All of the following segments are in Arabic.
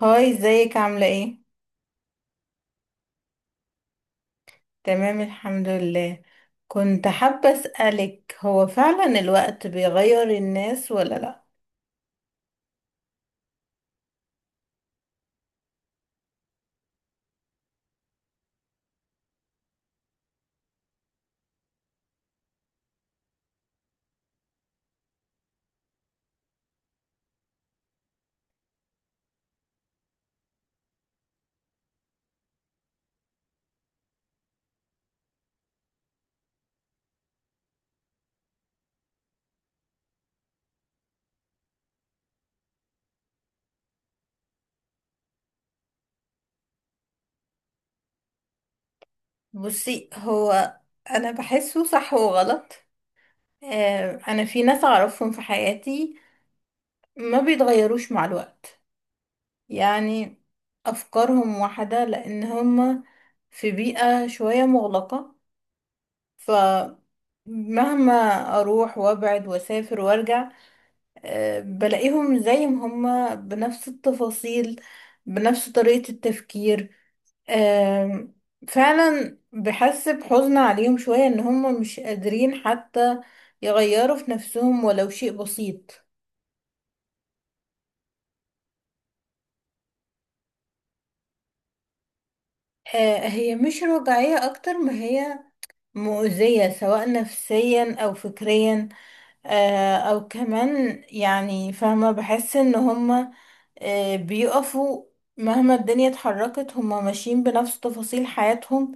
هاي، ازيك؟ عاملة ايه؟ تمام، الحمد لله. كنت حابة اسألك، هو فعلا الوقت بيغير الناس ولا لا؟ بصي، هو انا بحسه صح وغلط. آه، انا في ناس اعرفهم في حياتي ما بيتغيروش مع الوقت. يعني افكارهم واحدة لان هما في بيئة شوية مغلقة. فمهما اروح وابعد واسافر وارجع، بلاقيهم زي ما هما، بنفس التفاصيل، بنفس طريقة التفكير. آم، فعلا بحس بحزن عليهم شوية ان هما مش قادرين حتى يغيروا في نفسهم ولو شيء بسيط. آه، هي مش رجعية اكتر ما هي مؤذية، سواء نفسيا او فكريا. او كمان يعني فاهمة، بحس ان هما بيقفوا مهما الدنيا اتحركت، هما ماشيين بنفس تفاصيل حياتهم،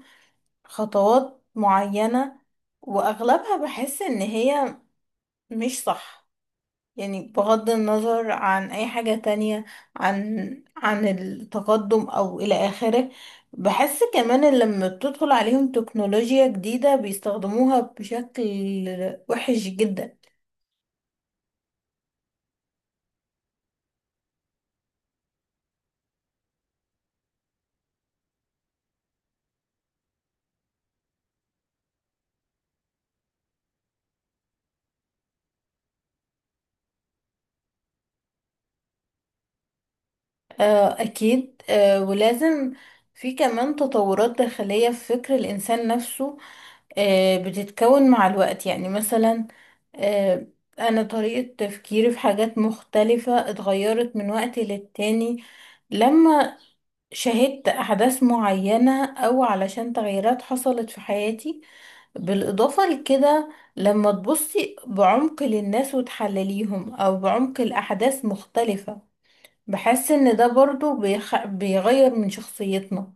خطوات معينة. وأغلبها بحس إن هي مش صح. يعني بغض النظر عن أي حاجة تانية، عن التقدم أو إلى آخره. بحس كمان إن لما بتدخل عليهم تكنولوجيا جديدة بيستخدموها بشكل وحش جدا. آه، أكيد. آه، ولازم في كمان تطورات داخلية في فكر الإنسان نفسه، بتتكون مع الوقت. يعني مثلا آه، أنا طريقة تفكيري في حاجات مختلفة اتغيرت من وقت للتاني، لما شهدت أحداث معينة أو علشان تغييرات حصلت في حياتي. بالإضافة لكده، لما تبصي بعمق للناس وتحلليهم أو بعمق الأحداث مختلفة، بحس ان ده برضو بيغير من شخصيتنا.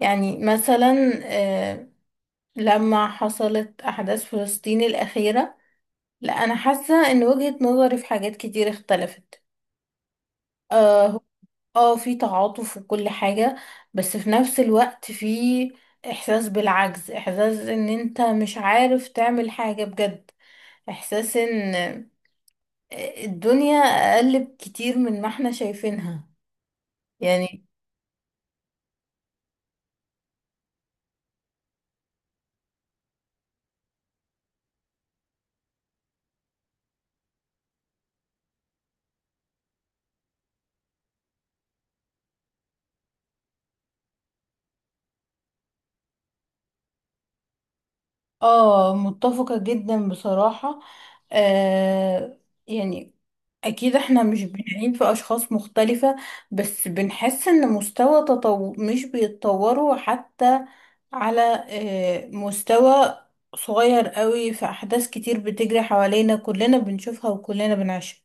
يعني مثلا آه، لما حصلت احداث فلسطين الاخيرة، لا انا حاسة ان وجهة نظري في حاجات كتير اختلفت. اه هو- آه، في تعاطف وكل حاجة. بس في نفس الوقت في احساس بالعجز، احساس ان انت مش عارف تعمل حاجة بجد، احساس ان الدنيا اقل بكتير من ما احنا شايفينها يعني. اه، متفقة جدا بصراحة. آه، يعني اكيد احنا مش بنعين في اشخاص مختلفة. بس بنحس ان مش بيتطوروا حتى على مستوى صغير قوي، في احداث كتير بتجري حوالينا كلنا بنشوفها وكلنا بنعيشها.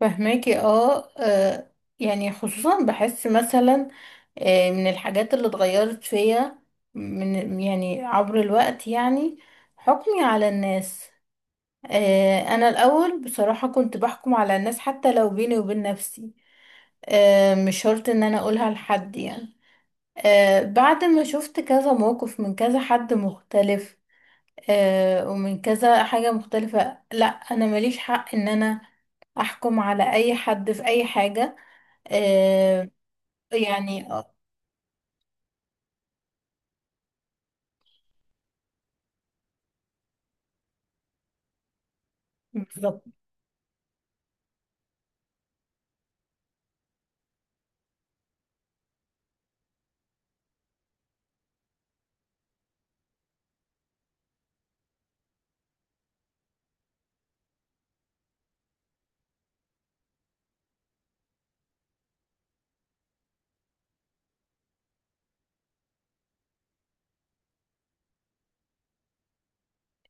فهماكي. اه، آه، يعني خصوصا بحس مثلا من الحاجات اللي اتغيرت فيا من، يعني عبر الوقت، يعني حكمي على الناس. آه، انا الاول بصراحة كنت بحكم على الناس حتى لو بيني وبين نفسي. مش شرط ان انا اقولها لحد يعني. بعد ما شفت كذا موقف من كذا حد مختلف ومن كذا حاجة مختلفة، لا انا ماليش حق ان انا احكم على اي حد في اي حاجة. آه، يعني. آه، بالظبط.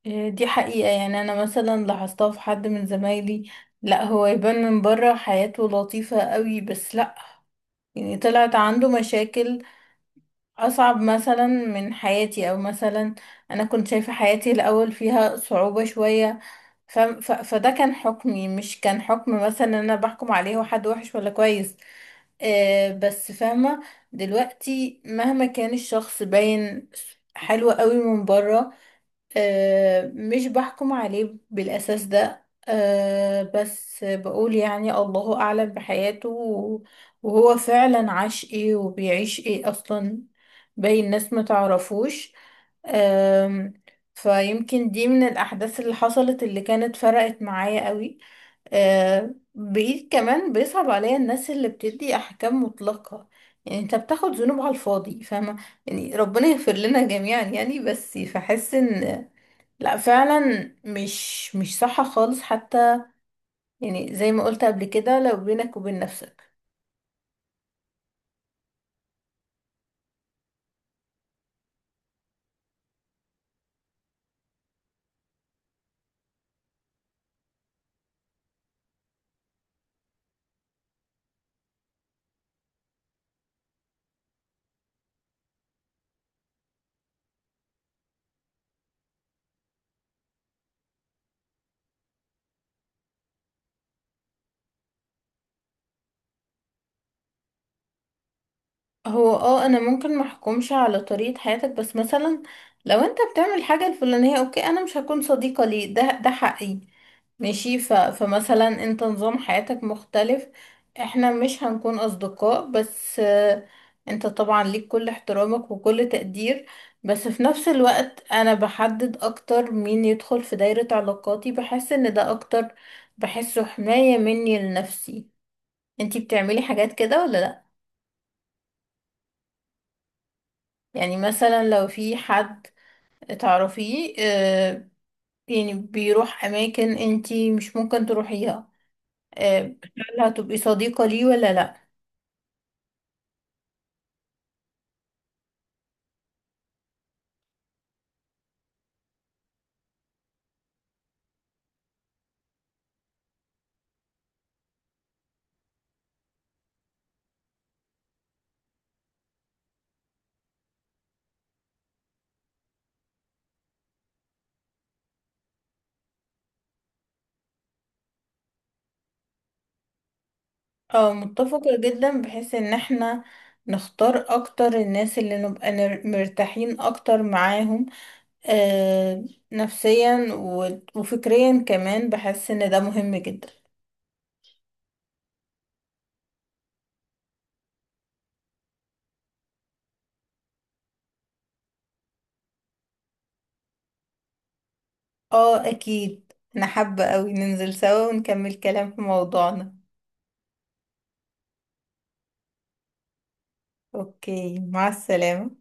آه، دي حقيقة، يعني أنا مثلا لاحظتها في حد من زمايلي، لا هو يبان من بره حياته لطيفة قوي، بس لا، يعني طلعت عنده مشاكل أصعب مثلا من حياتي، أو مثلا أنا كنت شايفة حياتي الأول فيها صعوبة شوية. فده كان حكمي، مش كان حكم مثلا ان انا بحكم عليه هو حد وحش ولا كويس. آه، بس فاهمة دلوقتي، مهما كان الشخص باين حلو قوي من بره، آه، مش بحكم عليه بالاساس ده. آه، بس بقول يعني الله اعلم بحياته وهو فعلا عاش ايه وبيعيش ايه اصلا. باين ناس ما تعرفوش. أم، فيمكن دي من الأحداث اللي حصلت، اللي كانت فرقت معايا قوي. بقيت كمان بيصعب عليا الناس اللي بتدي أحكام مطلقة. يعني انت بتاخد ذنوب على الفاضي، فاهمة، يعني ربنا يغفر لنا جميعا يعني. بس فحس ان لا، فعلا مش صح خالص حتى، يعني زي ما قلت قبل كده، لو بينك وبين نفسك. هو اه، انا ممكن ما احكمش على طريقة حياتك، بس مثلا لو انت بتعمل الحاجة الفلانية، اوكي، انا مش هكون صديقة ليه. ده حقي، ماشي. فمثلا انت نظام حياتك مختلف، احنا مش هنكون اصدقاء. بس آه، انت طبعا ليك كل احترامك وكل تقدير. بس في نفس الوقت انا بحدد اكتر مين يدخل في دايرة علاقاتي. بحس ان ده اكتر، بحسه حماية مني لنفسي. انتي بتعملي حاجات كده ولا لا؟ يعني مثلا لو في حد تعرفيه، آه، يعني بيروح أماكن انتي مش ممكن تروحيها، آه، هل هتبقي صديقة ليه ولا لأ؟ اه، متفقة جدا، بحيث ان احنا نختار اكتر الناس اللي نبقى مرتاحين اكتر معاهم، آه، نفسيا وفكريا كمان، بحس ان ده مهم جدا. اه، اكيد انا حابة اوي ننزل سوا ونكمل كلام في موضوعنا. اوكي، مع السلامة.